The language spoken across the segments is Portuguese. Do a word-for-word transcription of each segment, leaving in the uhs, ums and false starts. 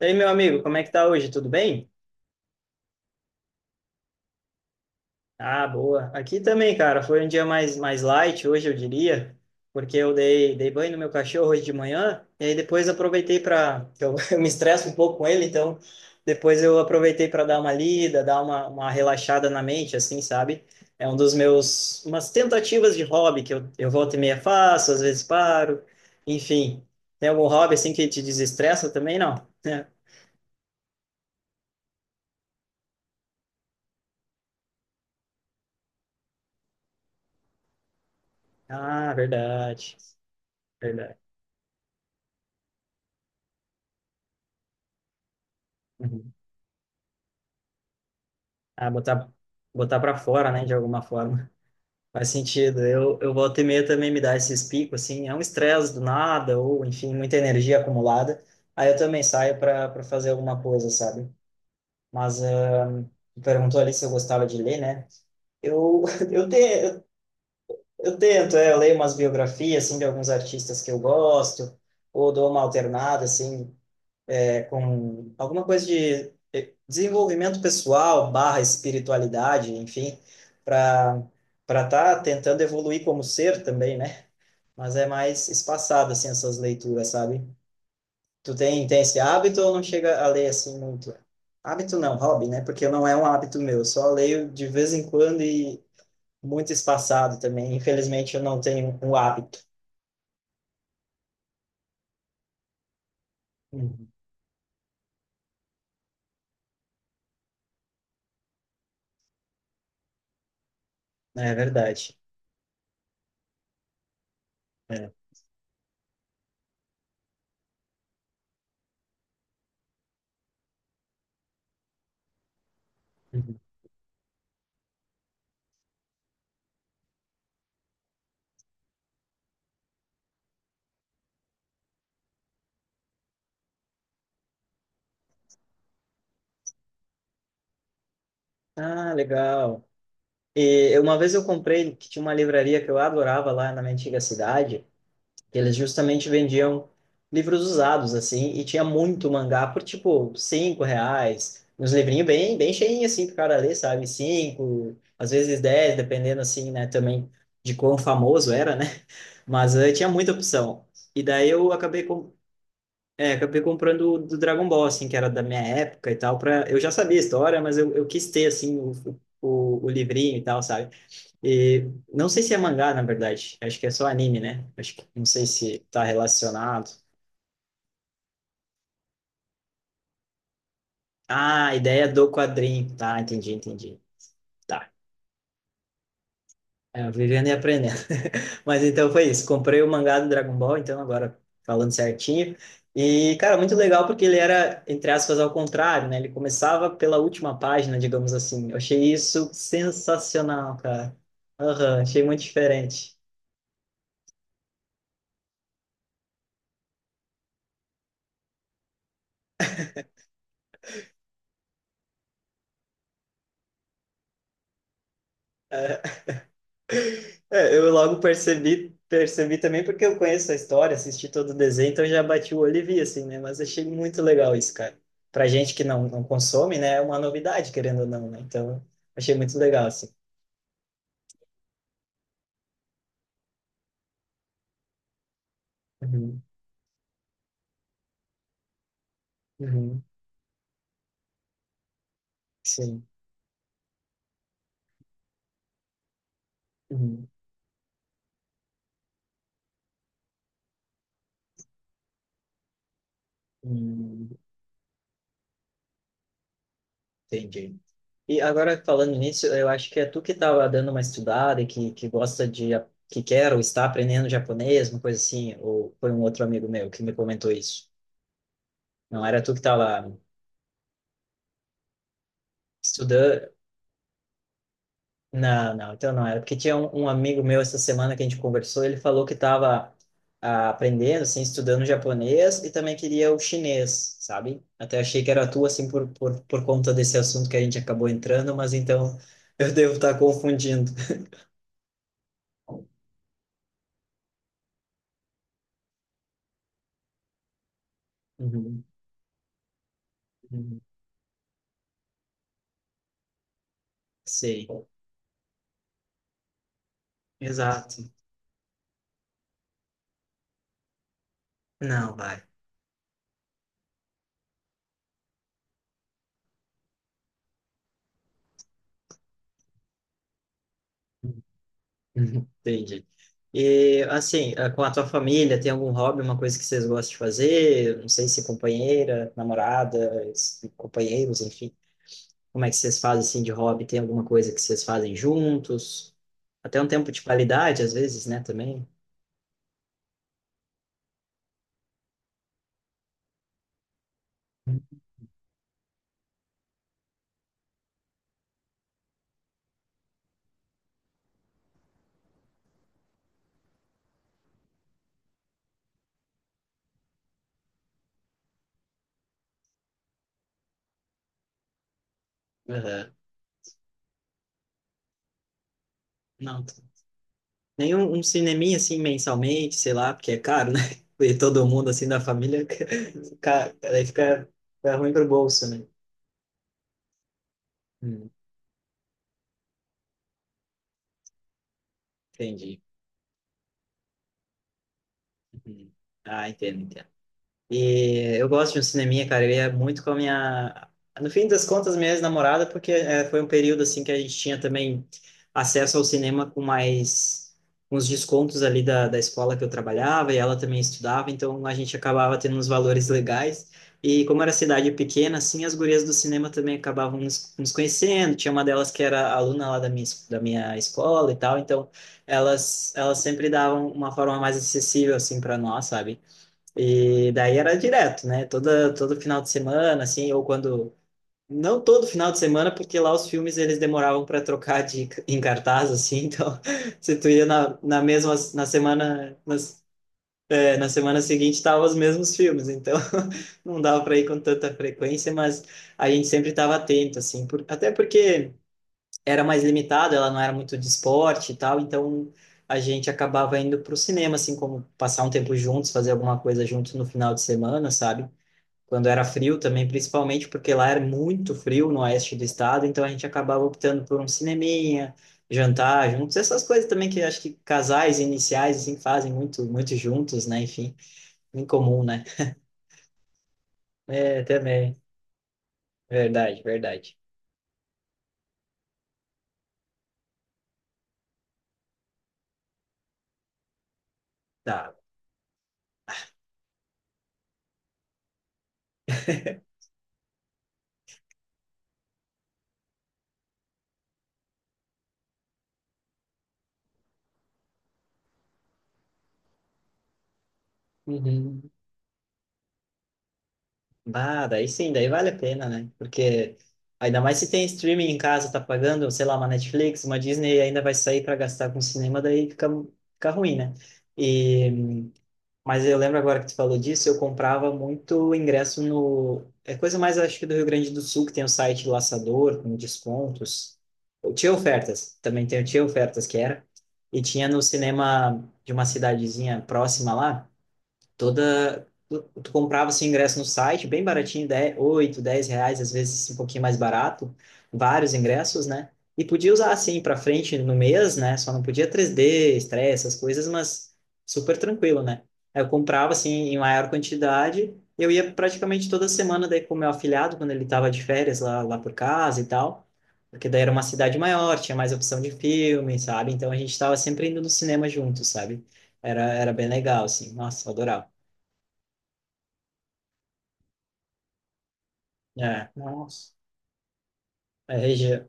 E aí, meu amigo, como é que tá hoje? Tudo bem? Ah, boa. Aqui também, cara, foi um dia mais, mais light hoje, eu diria, porque eu dei, dei banho no meu cachorro hoje de manhã, e aí depois aproveitei para. Eu, eu me estresso um pouco com ele, então depois eu aproveitei para dar uma lida, dar uma, uma relaxada na mente, assim, sabe? É um dos meus. Umas tentativas de hobby que eu, eu volta e meia faço, às vezes paro, enfim. Tem algum hobby assim que te desestressa também? Não? Ah, verdade, verdade. Uhum. Ah, botar, botar para fora, né, de alguma forma. Faz sentido. Eu, eu volta e meia também me dá esses picos, assim, é um estresse do nada, ou, enfim, muita energia acumulada. Aí eu também saio para para fazer alguma coisa, sabe? Mas ah, tu perguntou ali se eu gostava de ler, né? Eu, eu, te, eu, eu tento, é, eu leio umas biografias, assim, de alguns artistas que eu gosto, ou dou uma alternada, assim com alguma coisa de eh, desenvolvimento pessoal, barra espiritualidade, enfim, para para estar tá tentando evoluir como ser também, né? Mas é mais espaçado, assim, essas leituras, sabe? Tu tem, tem esse hábito ou não chega a ler, assim, muito? Hábito não, hobby, né? Porque não é um hábito meu, eu só leio de vez em quando e muito espaçado também. Infelizmente, eu não tenho um hábito. Uhum. É verdade. É. Uhum. Ah, legal. E uma vez eu comprei, que tinha uma livraria que eu adorava lá na minha antiga cidade, que eles justamente vendiam livros usados, assim, e tinha muito mangá por, tipo, cinco reais, uns livrinhos bem, bem cheinhos, assim, pro cara ler, sabe? Cinco, às vezes dez, dependendo, assim, né, também de quão famoso era, né? Mas eh, tinha muita opção. E daí eu acabei, com, é, acabei comprando o do Dragon Ball, assim, que era da minha época e tal, pra... Eu já sabia a história, mas eu, eu quis ter, assim, o, o, o livrinho e tal, sabe? E não sei se é mangá, na verdade. Acho que é só anime, né? Acho que não sei se tá relacionado. Ah, a ideia do quadrinho. Tá, entendi, entendi. Tá. É, vivendo e aprendendo. Mas então foi isso. Comprei o mangá do Dragon Ball, então agora falando certinho. E, cara, muito legal porque ele era, entre aspas, ao contrário, né? Ele começava pela última página, digamos assim. Eu achei isso sensacional, cara. Aham, achei muito diferente. É. É, eu logo percebi, percebi também porque eu conheço a história, assisti todo o desenho, então eu já bati o olho e vi, assim, né? Mas achei muito legal isso, cara. Pra gente que não, não consome, né? É uma novidade, querendo ou não, né? Então, achei muito legal, assim. Uhum, uhum, sim. Uhum, uhum, entendi. E agora, falando nisso, eu acho que é tu que estava dando uma estudada e que, que gosta de... a- que quer ou está aprendendo japonês, uma coisa assim, ou foi um outro amigo meu que me comentou isso. Não era tu que tava estudando... Não, não, então não era. Porque tinha um, um amigo meu essa semana que a gente conversou, ele falou que estava aprendendo, assim, estudando japonês e também queria o chinês, sabe? Até achei que era tu, assim, por, por, por conta desse assunto que a gente acabou entrando, mas então eu devo estar confundindo. Uhum, uhum. Sei. Exato. Não, vai. Uhum. Entendi. E assim, eh, com a tua família, tem algum hobby, uma coisa que vocês gostam de fazer? Não sei se companheira, namorada, es- companheiros, enfim. Como é que vocês fazem assim de hobby? Tem alguma coisa que vocês fazem juntos? Até um tempo de qualidade, às vezes, né, também. Aham. Não, t- Nenhum um cineminha assim mensalmente, sei lá, porque é caro, né? E todo mundo assim da família, ca- aí fica, fica ruim pro bolso, né? Hum, entendi. Uhum. Ah, entendo, entendo. E eu gosto de um cineminha, cara. Eu ia muito com a minha. No fim das contas, minha ex-namorada, porque é, foi um período assim que a gente tinha também acesso ao cinema com mais uns descontos ali da, da escola que eu trabalhava e ela também estudava, então a gente acabava tendo uns valores legais. E como era cidade pequena, assim, as gurias do cinema também acabavam nos, nos conhecendo. Tinha uma delas que era aluna lá da minha, es- da minha escola e tal, então elas, elas sempre davam uma forma mais acessível assim para nós, sabe? E daí era direto, né? Toda, todo final de semana, assim, ou quando. Não todo final de semana, porque lá os filmes eles demoravam para trocar de, em cartaz, assim, então se tu ia na, na mesma, na semana, na, é, na semana seguinte estavam os mesmos filmes, então não dava para ir com tanta frequência, mas a gente sempre estava atento, assim, por, até porque era mais limitado, ela não era muito de esporte e tal, então a gente acabava indo para o cinema, assim, como passar um tempo juntos, fazer alguma coisa juntos no final de semana, sabe? Quando era frio também, principalmente porque lá era muito frio no oeste do estado, então a gente acabava optando por um cineminha, jantar juntos, essas coisas também que acho que casais iniciais, assim, fazem muito, muito juntos, né? Enfim, em comum, né? É, também. Verdade, verdade. Tá. Uhum. Bah, daí sim, daí vale a pena, né? Porque ainda mais se tem streaming em casa, tá pagando, sei lá, uma Netflix, uma Disney, ainda vai sair para gastar com cinema, daí fica, fica ruim, né? E, mas eu lembro agora que tu falou disso, eu comprava muito ingresso no. É coisa mais, acho que do Rio Grande do Sul, que tem o site Laçador, com descontos. Eu tinha ofertas, também tem, tinha ofertas que era. E tinha no cinema de uma cidadezinha próxima lá toda. Tu, tu comprava seu ingresso no site, bem baratinho, dez oito dez reais, às vezes assim, um pouquinho mais barato, vários ingressos, né? E podia usar assim para frente no mês, né? Só não podia três D, estresse, essas coisas, mas super tranquilo, né? Aí eu comprava assim em maior quantidade, eu ia praticamente toda semana daí com o meu afilhado, quando ele tava de férias lá, lá por casa e tal, porque daí era uma cidade maior, tinha mais opção de filme, sabe? Então a gente estava sempre indo no cinema juntos, sabe? Era, era bem legal, assim. Nossa, eu adorava. É, nossa. É região,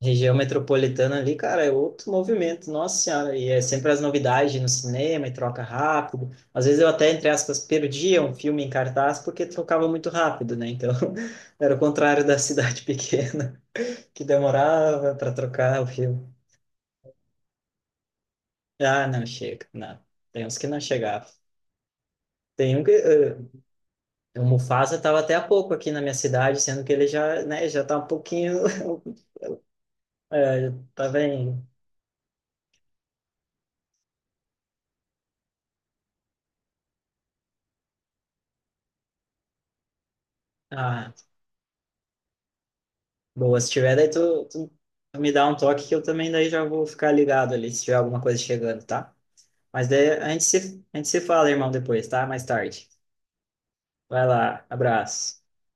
região metropolitana ali, cara, é outro movimento, nossa senhora. E é sempre as novidades no cinema e troca rápido. Às vezes eu até, entre aspas, perdia um filme em cartaz porque trocava muito rápido, né? Então, era o contrário da cidade pequena, que demorava para trocar o filme. Ah, não chega, não. Tem uns que não chegavam. Tem um que. eh, o Mufasa estava até há pouco aqui na minha cidade, sendo que ele já, né, já tá um pouquinho. eh, já tá bem. ah, Boa, se tiver, daí tu, tu me dá um toque que eu também daí já vou ficar ligado ali, se tiver alguma coisa chegando, tá? Mas daí a gente se, a gente se fala, irmão, depois, tá? Mais tarde. Vai lá, abraço.